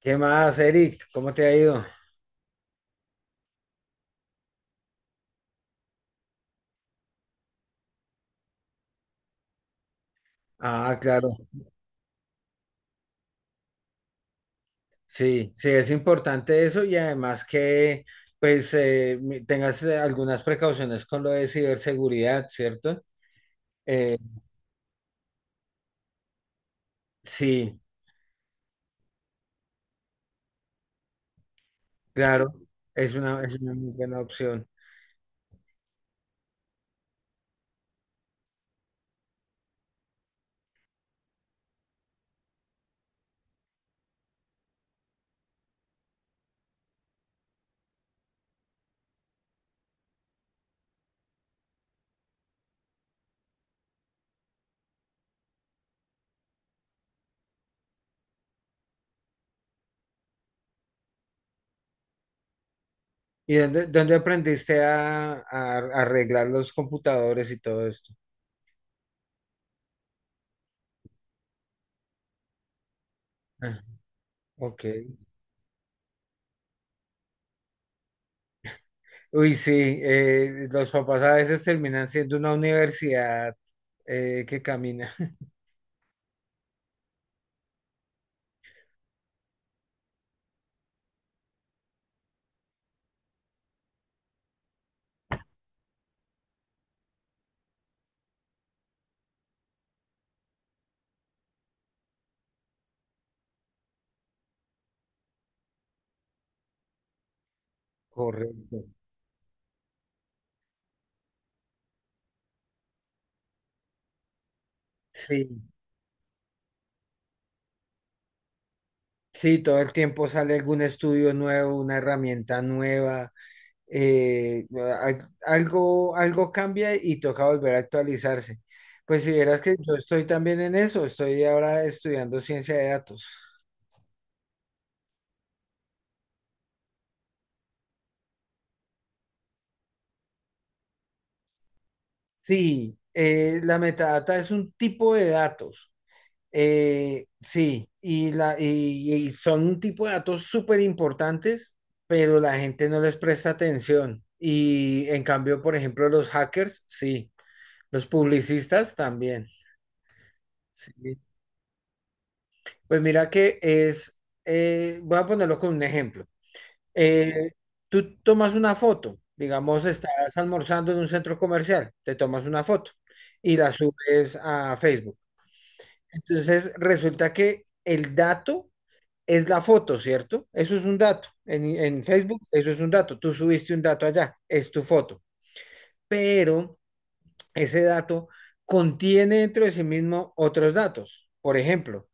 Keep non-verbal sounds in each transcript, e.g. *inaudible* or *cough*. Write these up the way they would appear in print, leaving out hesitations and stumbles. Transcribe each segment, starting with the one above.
¿Qué más, Eric? ¿Cómo te ha ido? Ah, claro. Sí, sí, es importante eso y además que pues tengas algunas precauciones con lo de ciberseguridad, ¿cierto? Eh, sí, claro, es una muy buena opción. ¿Y dónde, dónde aprendiste a arreglar los computadores y todo esto? Ah, ok. Uy, sí, los papás a veces terminan siendo una universidad que camina. *laughs* Correcto. Sí. Sí, todo el tiempo sale algún estudio nuevo, una herramienta nueva, eh, algo, algo cambia y toca volver a actualizarse. Pues si vieras que yo estoy también en eso, estoy ahora estudiando ciencia de datos. Sí, la metadata es un tipo de datos. Y son un tipo de datos súper importantes, pero la gente no les presta atención. Y en cambio, por ejemplo, los hackers, sí. Los publicistas también. Sí. Pues mira que es, voy a ponerlo con un ejemplo. Eh, Tú tomas una foto, digamos, estás almorzando en un centro comercial, te tomas una foto y la subes a Facebook. Entonces resulta que el dato es la foto, ¿cierto? Eso es un dato. En Facebook, eso es un dato. Tú subiste un dato allá, es tu foto. Pero ese dato contiene dentro de sí mismo otros datos. Por ejemplo,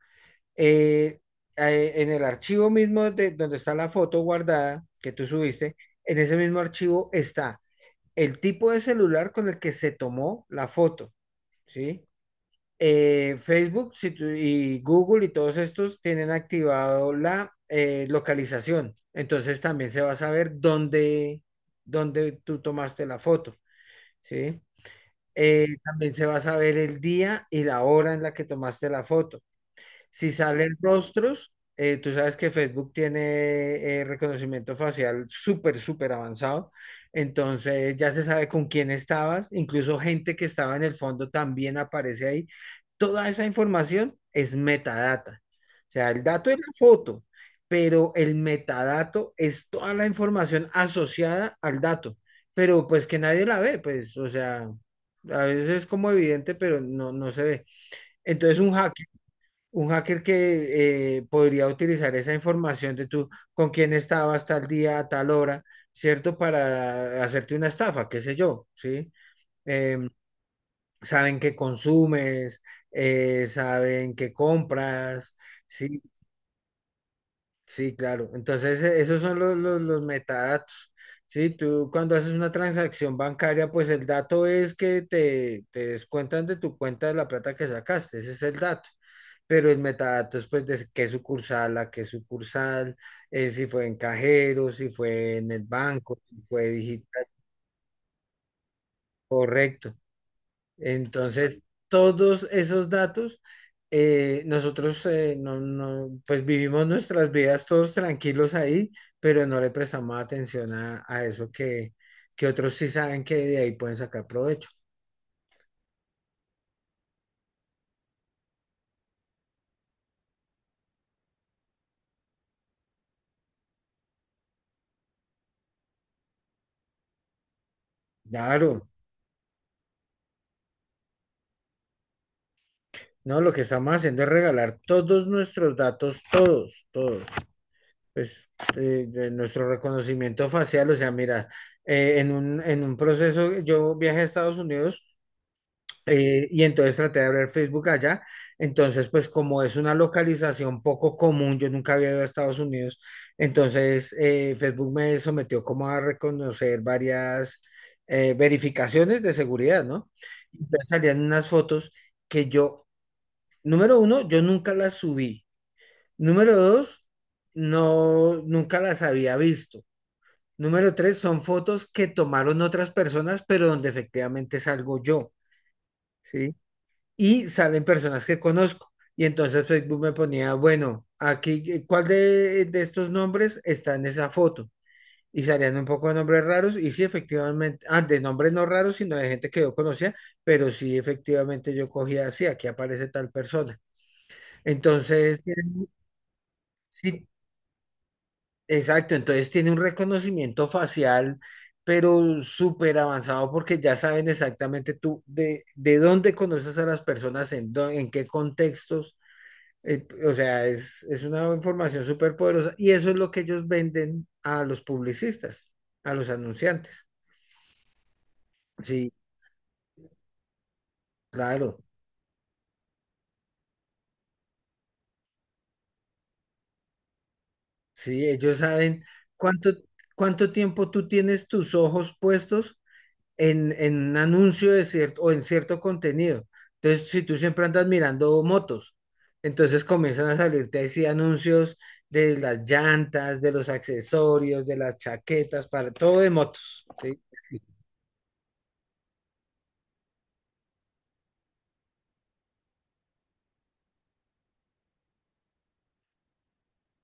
eh, en el archivo mismo de donde está la foto guardada que tú subiste, en ese mismo archivo está el tipo de celular con el que se tomó la foto, ¿sí? Facebook si y Google y todos estos tienen activado la localización, entonces también se va a saber dónde, dónde tú tomaste la foto, ¿sí? También se va a saber el día y la hora en la que tomaste la foto. Si salen rostros, tú sabes que Facebook tiene reconocimiento facial súper, súper avanzado. Entonces ya se sabe con quién estabas. Incluso gente que estaba en el fondo también aparece ahí. Toda esa información es metadata. O sea, el dato es la foto, pero el metadato es toda la información asociada al dato. Pero pues que nadie la ve, pues, o sea, a veces es como evidente, pero no, no se ve. Entonces un hacker que podría utilizar esa información de tú con quién estabas tal día, a tal hora, ¿cierto? Para hacerte una estafa, qué sé yo, ¿sí? Em, saben qué consumes, saben qué compras, ¿sí? Sí, claro. Entonces, esos son los metadatos. Sí, tú cuando haces una transacción bancaria, pues el dato es que te descuentan de tu cuenta de la plata que sacaste, ese es el dato. Pero el metadato es pues de qué sucursal, a qué sucursal, si fue en cajero, si fue en el banco, si fue digital, correcto. Entonces, todos esos datos, nosotros no, no, pues vivimos nuestras vidas todos tranquilos ahí, pero no le prestamos atención a eso que otros sí saben que de ahí pueden sacar provecho. Claro, no, lo que estamos haciendo es regalar todos nuestros datos, todos, todos. Pues de nuestro reconocimiento facial, o sea, mira, en un proceso, yo viajé a Estados Unidos. Y entonces traté de abrir Facebook allá. Entonces, pues como es una localización poco común, yo nunca había ido a Estados Unidos, entonces Facebook me sometió como a reconocer varias verificaciones de seguridad, ¿no? Entonces salían unas fotos que yo, número uno, yo nunca las subí. Número dos, no, nunca las había visto. Número tres, son fotos que tomaron otras personas, pero donde efectivamente salgo yo. ¿Sí? Y salen personas que conozco. Y entonces Facebook me ponía, bueno, aquí, ¿cuál de estos nombres está en esa foto? Y salían un poco de nombres raros y sí, efectivamente, ah, de nombres no raros, sino de gente que yo conocía, pero sí, efectivamente yo cogía así, aquí aparece tal persona. Entonces, tiene- sí, exacto, entonces tiene un reconocimiento facial, pero súper avanzado porque ya saben exactamente tú de dónde conoces a las personas, en qué contextos. O sea, es una información súper poderosa y eso es lo que ellos venden a los publicistas, a los anunciantes. Sí, claro, sí, ellos saben cuánto, cuánto tiempo tú tienes tus ojos puestos en un anuncio de cierto, o en cierto contenido. Entonces, si tú siempre andas mirando motos, entonces comienzan a salirte así anuncios de las llantas, de los accesorios, de las chaquetas, para todo de motos. Sí, sí,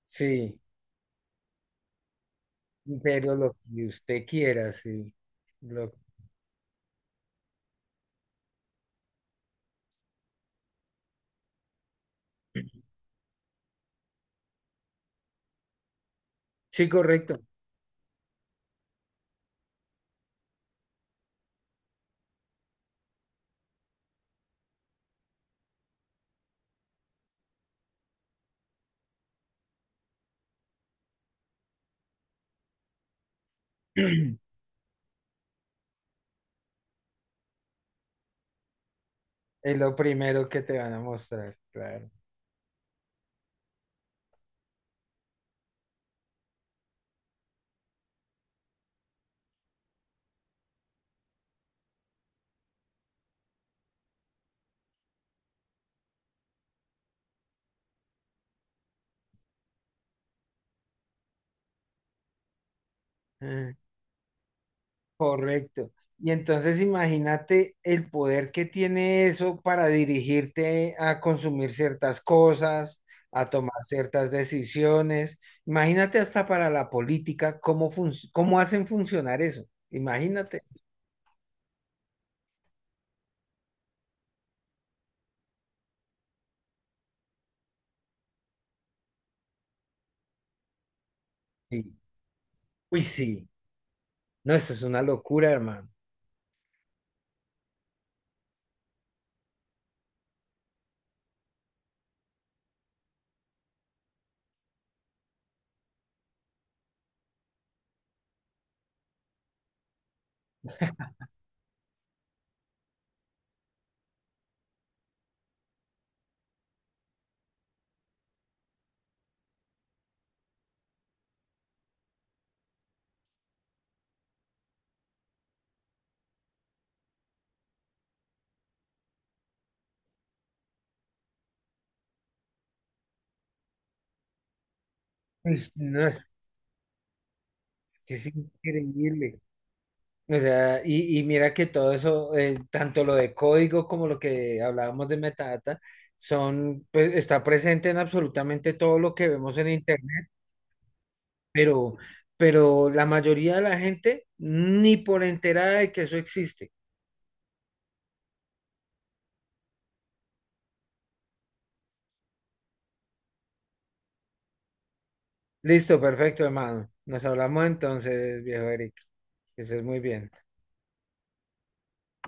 sí. Pero lo que usted quiera, sí. Lo... Sí, correcto. *clears throat* Es lo primero que te van a mostrar, claro. Ah, correcto. Y entonces imagínate el poder que tiene eso para dirigirte a consumir ciertas cosas, a tomar ciertas decisiones. Imagínate hasta para la política, cómo hacen funcionar eso. Imagínate. Sí. Uy, sí. No, eso es una locura, hermano. Uy, no, es que es increíble. O sea, y mira que todo eso, tanto lo de código como lo que hablábamos de metadata, son, pues, está presente en absolutamente todo lo que vemos en internet, pero, pero la mayoría de la gente ni por enterada de que eso existe. Listo, perfecto, hermano. Nos hablamos entonces, viejo Eric. Que estés muy bien.